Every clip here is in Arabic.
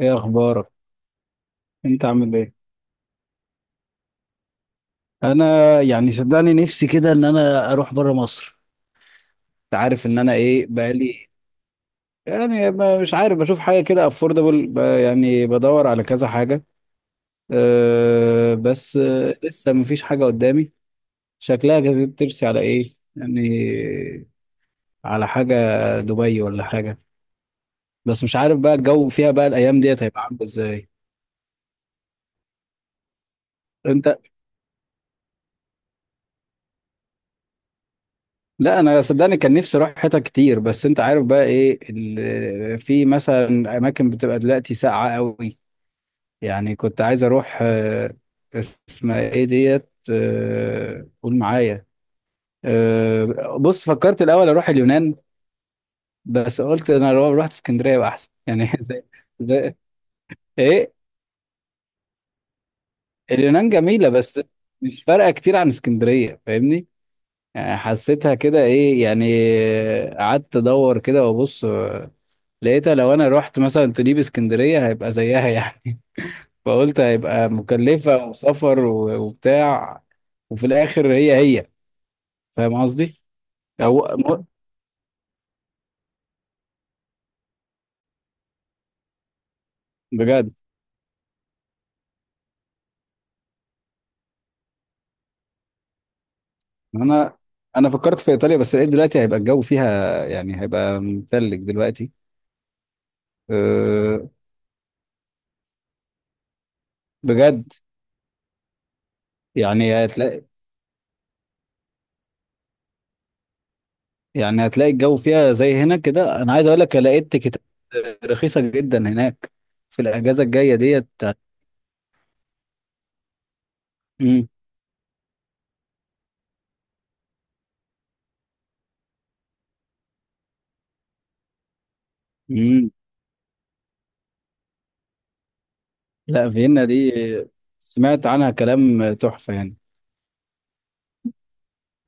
ايه اخبارك؟ انت عامل ايه؟ انا يعني صدقني نفسي كده ان انا اروح بره مصر. انت عارف ان انا ايه بقالي؟ يعني مش عارف، بشوف حاجه كده افوردبل، يعني بدور على كذا حاجه. بس لسه مفيش حاجه قدامي. شكلها جايز ترسي على ايه يعني، على حاجه، دبي ولا حاجه. بس مش عارف بقى الجو فيها بقى الايام ديت هيبقى عامل ازاي. انت؟ لا انا صدقني كان نفسي اروح حتت كتير، بس انت عارف بقى ايه في مثلا اماكن بتبقى دلوقتي ساقعه قوي. يعني كنت عايز اروح، اسمها ايه ديت؟ قول معايا. بص، فكرت الاول اروح اليونان، بس قلت انا لو رحت اسكندريه يبقى احسن يعني. زي زي- ايه، اليونان جميله بس مش فارقه كتير عن اسكندريه، فاهمني؟ يعني حسيتها كده ايه يعني. قعدت ادور كده وابص، لقيتها لو انا رحت مثلا تجيب اسكندرية هيبقى زيها يعني. فقلت هيبقى مكلفة وسفر وبتاع، وفي الاخر هي هي. فاهم قصدي؟ او م- بجد، انا انا فكرت في ايطاليا بس لقيت دلوقتي هيبقى الجو فيها يعني هيبقى متلج دلوقتي. أه، بجد؟ يعني هتلاقي، يعني هتلاقي الجو فيها زي هنا كده. انا عايز اقول لك لقيت تيكتات رخيصة جدا هناك في الاجازة الجاية ديت مم. لا فيينا دي سمعت عنها كلام تحفة يعني.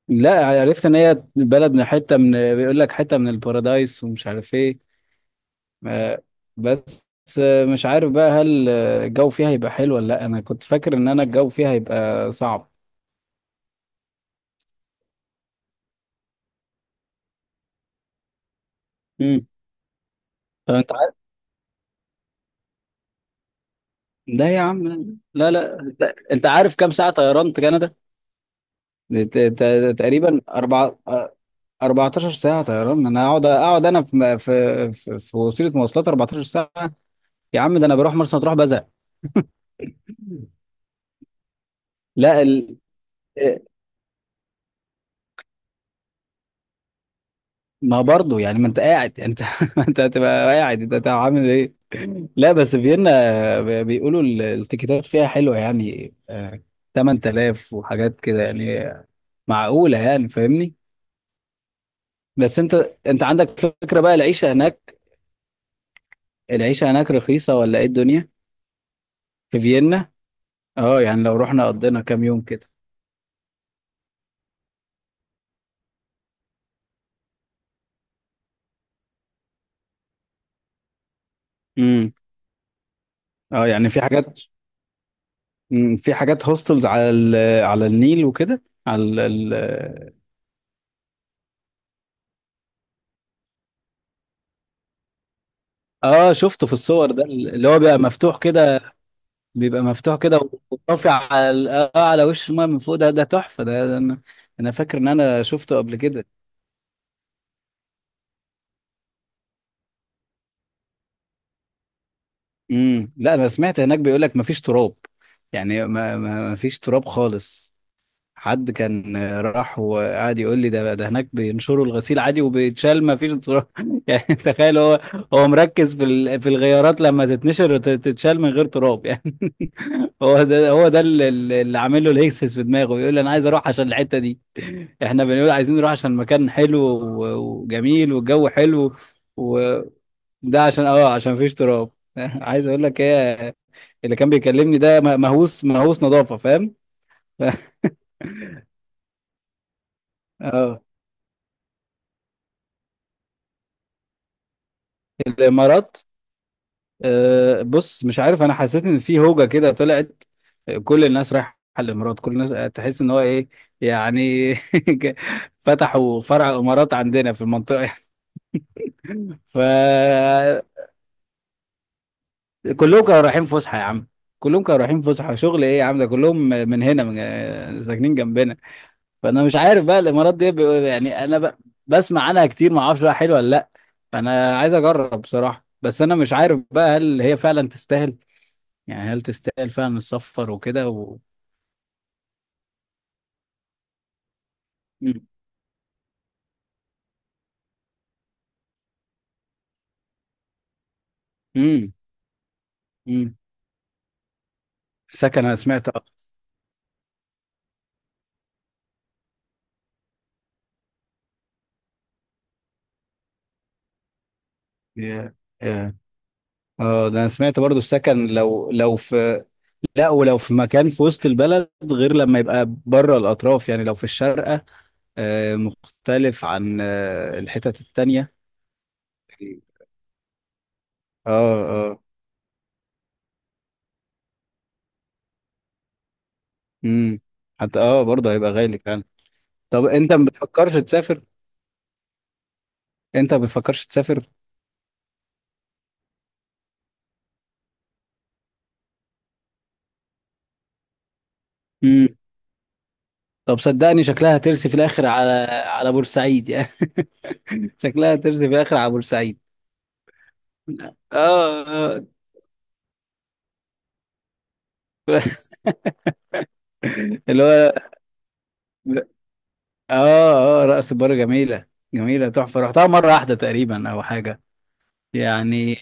لا عرفت ان هي بلد من حتة من بيقول لك حتة من البارادايس ومش عارف ايه. آه، بس مش عارف بقى هل الجو فيها هيبقى حلو ولا لا. انا كنت فاكر ان انا الجو فيها هيبقى صعب. امم، طب انت عارف؟ ده يا عم، لا لا انت، أنت عارف كام ساعة طيران كندا؟ تقريبا أربعة، 14 ساعة طيران. انا اقعد اقعد انا في في وسيلة مواصلات 14 ساعة؟ يا عم ده انا بروح مرسى مطروح بزهق. لا ال... ما برضه يعني ما انت قاعد، يعني انت ما انت هتبقى قاعد، انت هتبقى عامل ايه؟ لا بس فيينا بيقولوا التيكيتات فيها حلوة يعني، 8000 وحاجات كده يعني، معقولة يعني، فاهمني. بس انت، انت عندك فكرة بقى العيشة هناك؟ العيشة هناك رخيصة ولا ايه الدنيا في فيينا؟ اه يعني لو رحنا قضينا كام يوم كده. امم، اه يعني في حاجات، في حاجات هوستلز على على النيل وكده. على اه، شفته في الصور ده اللي هو بيبقى مفتوح كده، بيبقى مفتوح كده ورافع على على وش الماء من فوق، ده ده تحفة ده، ده انا، انا فاكر ان انا شفته قبل كده. امم، لا انا سمعت هناك بيقول لك مفيش تراب، يعني مفيش تراب خالص. حد كان راح وقعد يقول لي ده ده هناك بينشروا الغسيل عادي وبيتشال ما فيش تراب. يعني تخيل، هو هو مركز في في الغيارات لما تتنشر تتشال من غير تراب يعني. هو ده هو ده اللي، اللي عامل له الهيكسس في دماغه، بيقول لي انا عايز اروح عشان الحته دي. احنا بنقول عايزين نروح عشان المكان حلو وجميل والجو حلو، وده عشان عشان مفيش تراب. عايز اقول لك ايه، اللي كان بيكلمني ده مهووس، مهووس نظافه، فاهم؟ اه الامارات. بص، مش عارف، انا حسيت ان في هوجه كده طلعت. كل الناس رايحه الامارات، كل الناس. تحس ان هو ايه يعني. فتحوا فرع امارات عندنا في المنطقه. فكلهم كانوا رايحين فسحه يا عم، كلهم كانوا رايحين فسحه، شغل ايه يا عم؟ ده كلهم من هنا، من ساكنين جنبنا. فانا مش عارف بقى الامارات دي يعني انا بسمع عنها كتير، ما اعرفش بقى حلوه ولا لا. فانا عايز اجرب بصراحه، بس انا مش عارف بقى هل هي فعلا تستاهل، يعني هل تستاهل فعلا السفر وكده مم. مم. مم. السكن، انا سمعت اه. يا- يا. ده انا سمعت برضو السكن لو في، لا ولو في مكان في وسط البلد غير لما يبقى بره الاطراف، يعني لو في الشارقة، مختلف عن الحتت التانية. اه اه. امم. حتى برضه هيبقى غالي فعلا. طب انت ما بتفكرش تسافر؟ انت ما بتفكرش تسافر؟ طب صدقني شكلها هترسي في الاخر على، على بورسعيد يعني. شكلها هترسي في الاخر على بورسعيد. اه آه. اللي هو، اه اه، رأس البر جميلة، جميلة تحفة، رحتها مرة واحدة تقريبا او حاجة يعني.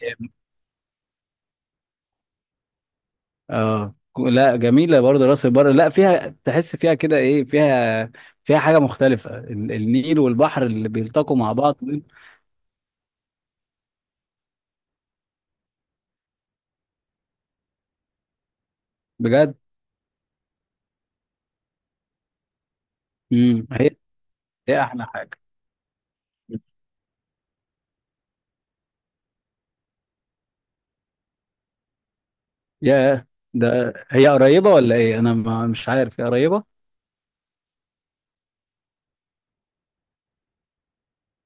اه لا جميلة برضه راس البر، لا فيها تحس فيها كده ايه، فيها، فيها حاجة مختلفة، النيل والبحر اللي بيلتقوا مع بعض دول. بجد. امم، هي، هي احلى حاجة. يا، ده هي قريبة ولا ايه؟ انا ما مش عارف، هي قريبة.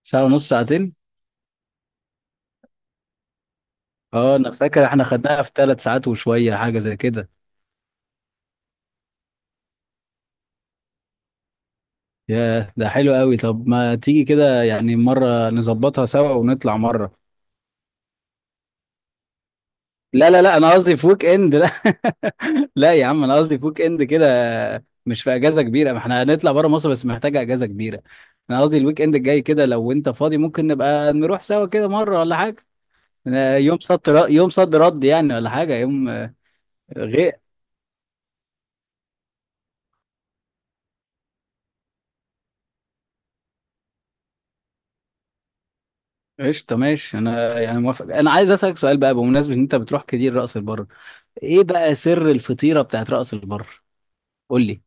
ساعة ونص ساعتين؟ اه انا فاكر احنا خدناها في 3 ساعات وشوية، حاجة زي كده. يا، ده حلو قوي. طب ما تيجي كده يعني مرة نظبطها سوا ونطلع مرة. لا لا لا انا قصدي في ويك اند، لا. لا يا عم انا قصدي في ويك اند كده، مش في اجازة كبيرة. ما احنا هنطلع بره مصر، بس محتاجة اجازة كبيرة. انا قصدي الويك اند الجاي كده، لو انت فاضي ممكن نبقى نروح سوا كده مرة ولا حاجة. يوم صد رد، يوم صد رد يعني، ولا حاجة، يوم غير. قشطة، ماشي. انا يعني موافق. انا عايز اسالك سؤال بقى بمناسبه ان انت بتروح كتير رأس البر، ايه بقى سر الفطيرة بتاعت رأس البر؟ قول لي.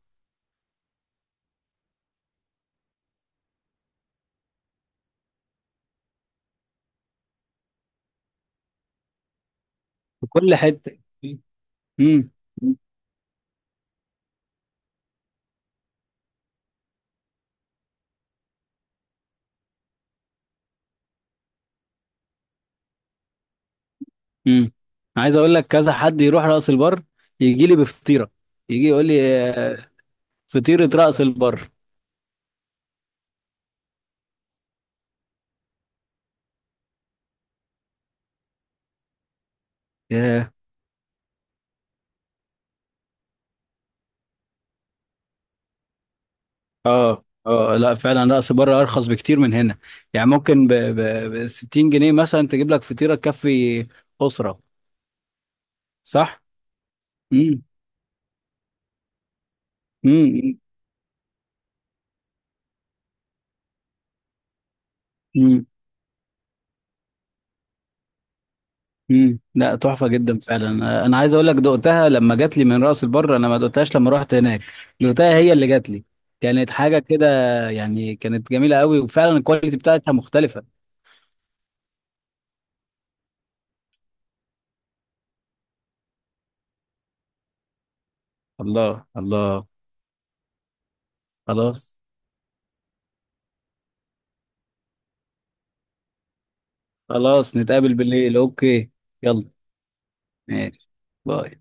في كل حتة. امم. امم. عايز اقول لك كذا حد يروح رأس البر يجي لي بفطيرة، يجي يقول لي فطيرة رأس البر. ياه. اه اه، لا فعلا رأس البر ارخص بكتير من هنا. يعني ممكن ب 60 جنيه مثلا تجيب لك فطيرة تكفي أسرة. صح. امم. امم. امم. لا تحفه جدا فعلا. انا عايز اقول لك دقتها لما جات لي من راس البر، انا ما دقتهاش لما رحت هناك، دقتها هي اللي جات لي. كانت حاجه كده يعني، كانت جميله قوي، وفعلا الكواليتي بتاعتها مختلفه. الله الله. خلاص، خلاص نتقابل بالليل، اوكي. يلا، ماشي، باي.